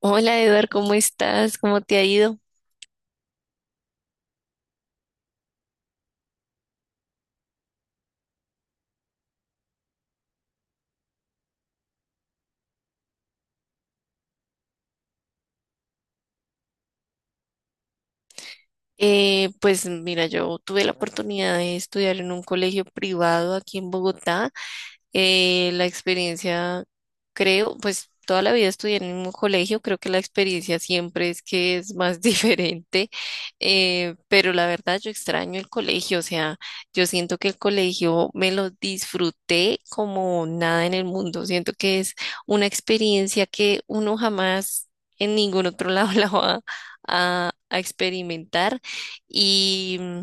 Hola Eduard, ¿cómo estás? ¿Cómo te ha ido? Pues mira, yo tuve la oportunidad de estudiar en un colegio privado aquí en Bogotá. La experiencia, creo, pues toda la vida estudié en el mismo colegio, creo que la experiencia siempre es que es más diferente, pero la verdad yo extraño el colegio, o sea, yo siento que el colegio me lo disfruté como nada en el mundo, siento que es una experiencia que uno jamás en ningún otro lado la va a experimentar y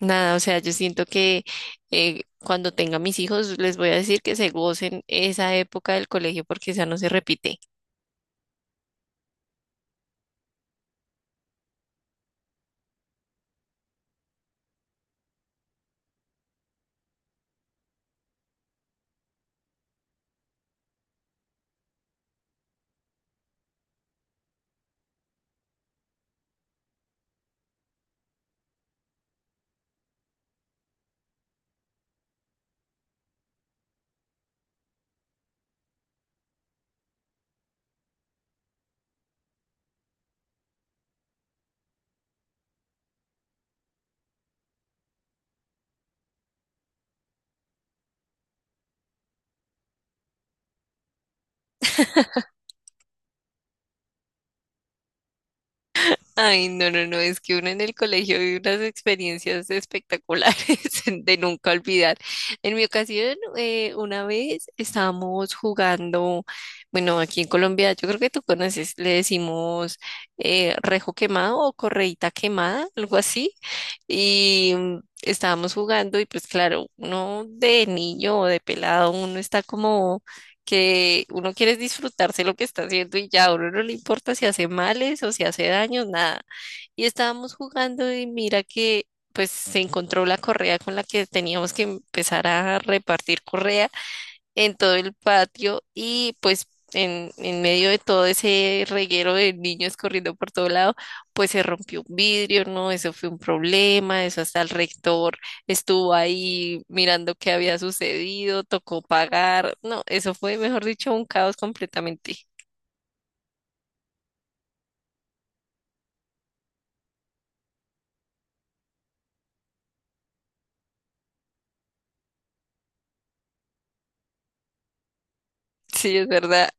nada, o sea, yo siento que cuando tenga mis hijos, les voy a decir que se gocen esa época del colegio porque esa no se repite. Ay, no, no, no, es que uno en el colegio vive unas experiencias espectaculares de nunca olvidar. En mi ocasión, una vez estábamos jugando, bueno, aquí en Colombia, yo creo que tú conoces, le decimos rejo quemado o correíta quemada, algo así, y estábamos jugando y pues claro, uno de niño o de pelado, uno está como que uno quiere es disfrutarse lo que está haciendo y ya, a uno no le importa si hace males o si hace daño, nada. Y estábamos jugando y mira que pues se encontró la correa con la que teníamos que empezar a repartir correa en todo el patio y pues en medio de todo ese reguero de niños corriendo por todo lado, pues se rompió un vidrio, ¿no? Eso fue un problema, eso hasta el rector estuvo ahí mirando qué había sucedido, tocó pagar, no, eso fue, mejor dicho, un caos completamente. Sí, es verdad.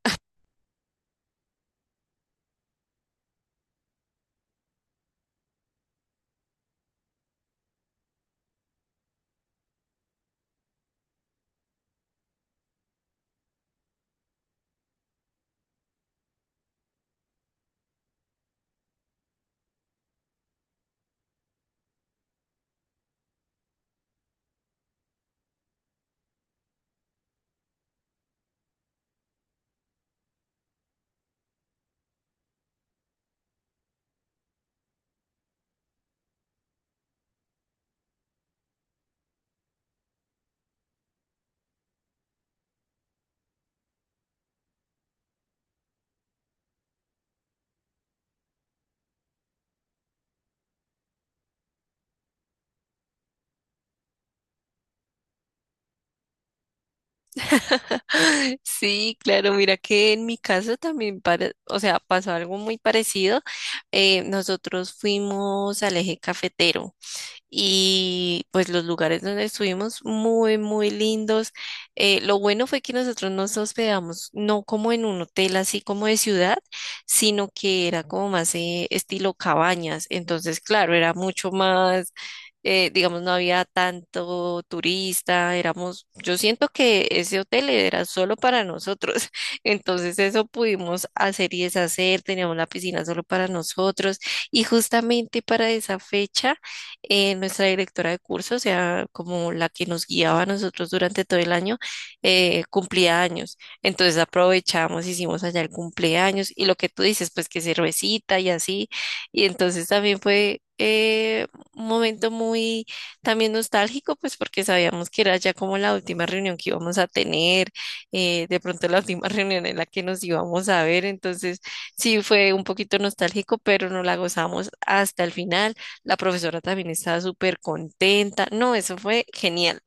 Sí, claro, mira que en mi caso también, o sea, pasó algo muy parecido. Nosotros fuimos al eje cafetero. Y pues los lugares donde estuvimos muy, muy lindos. Lo bueno fue que nosotros nos hospedamos no como en un hotel así como de ciudad, sino que era como más estilo cabañas. Entonces, claro, era mucho más digamos, no había tanto turista, éramos, yo siento que ese hotel era solo para nosotros, entonces eso pudimos hacer y deshacer, teníamos la piscina solo para nosotros y justamente para esa fecha nuestra directora de curso, o sea, como la que nos guiaba a nosotros durante todo el año, cumplía años. Entonces aprovechamos, hicimos allá el cumpleaños y lo que tú dices, pues que cervecita y así. Y entonces también fue un momento muy también nostálgico, pues porque sabíamos que era ya como la última reunión que íbamos a tener, de pronto la última reunión en la que nos íbamos a ver. Entonces sí fue un poquito nostálgico, pero nos la gozamos hasta el final. La profesora también estaba súper contenta. No, eso fue genial.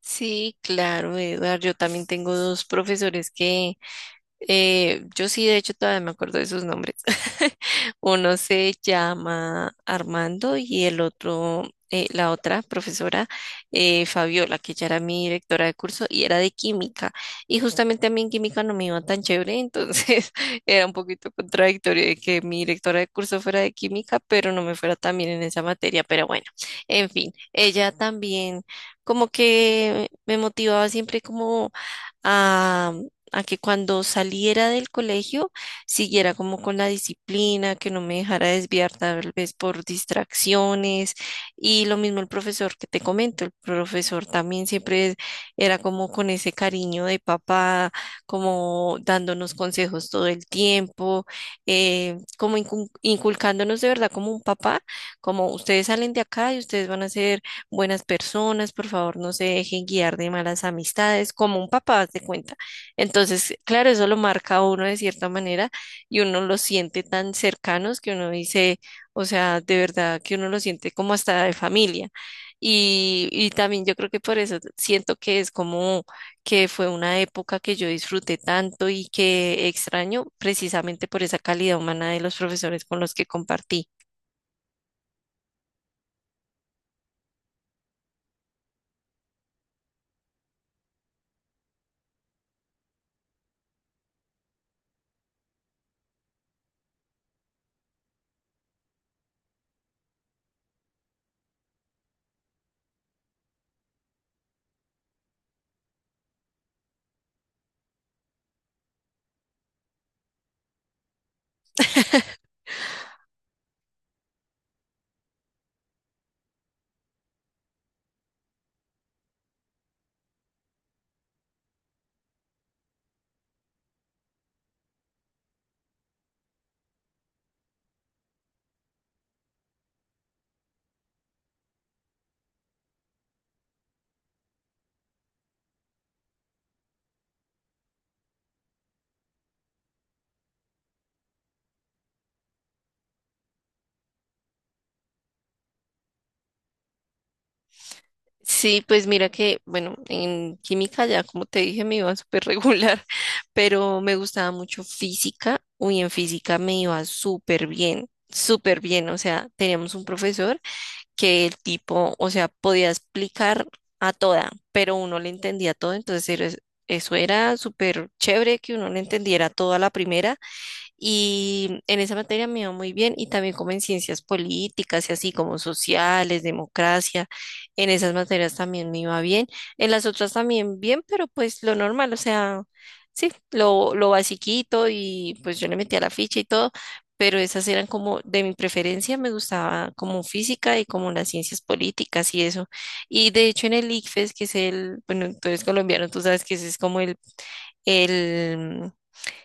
Sí, claro, Eduardo. Yo también tengo dos profesores que, yo sí, de hecho, todavía me acuerdo de sus nombres. Uno se llama Armando y el otro, la otra profesora, Fabiola, que ya era mi directora de curso y era de química. Y justamente a mí en química no me iba tan chévere, entonces era un poquito contradictorio de que mi directora de curso fuera de química, pero no me fuera tan bien en esa materia. Pero bueno, en fin, ella también como que me motivaba siempre como a que cuando saliera del colegio siguiera como con la disciplina, que no me dejara desviar tal vez por distracciones y lo mismo el profesor que te comento, el profesor también siempre era como con ese cariño de papá, como dándonos consejos todo el tiempo, como inculcándonos de verdad como un papá, como ustedes salen de acá y ustedes van a ser buenas personas, por favor no se dejen guiar de malas amistades, como un papá, haz de cuenta. Entonces, claro, eso lo marca a uno de cierta manera y uno los siente tan cercanos que uno dice, o sea, de verdad que uno lo siente como hasta de familia. Y también yo creo que por eso siento que es como que fue una época que yo disfruté tanto y que extraño precisamente por esa calidad humana de los profesores con los que compartí. Sí, pues mira que, bueno, en química ya, como te dije, me iba súper regular, pero me gustaba mucho física. Uy, en física me iba súper bien, súper bien. O sea, teníamos un profesor que el tipo, o sea, podía explicar a toda, pero uno le entendía todo, eso era súper chévere que uno le entendiera todo a la primera y en esa materia me iba muy bien y también como en ciencias políticas y así como sociales, democracia, en esas materias también me iba bien, en las otras también bien, pero pues lo normal, o sea, sí, lo basiquito y pues yo le metía la ficha y todo, pero esas eran como de mi preferencia, me gustaba como física y como las ciencias políticas y eso. Y de hecho en el ICFES, que es el, bueno, tú eres colombiano, tú sabes que ese es como el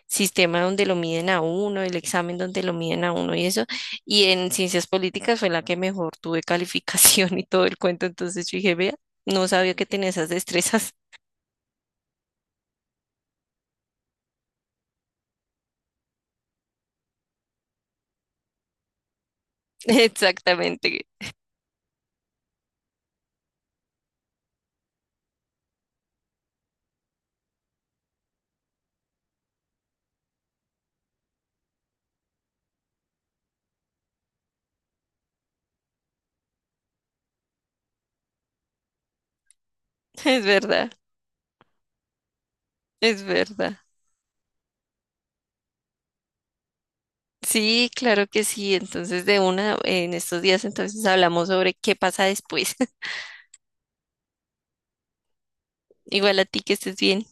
sistema donde lo miden a uno, el examen donde lo miden a uno y eso. Y en ciencias políticas fue la que mejor tuve calificación y todo el cuento. Entonces yo dije, vea, no sabía que tenía esas destrezas. Exactamente, es verdad, es verdad. Sí, claro que sí. Entonces de una, en estos días entonces hablamos sobre qué pasa después. Igual a ti que estés bien.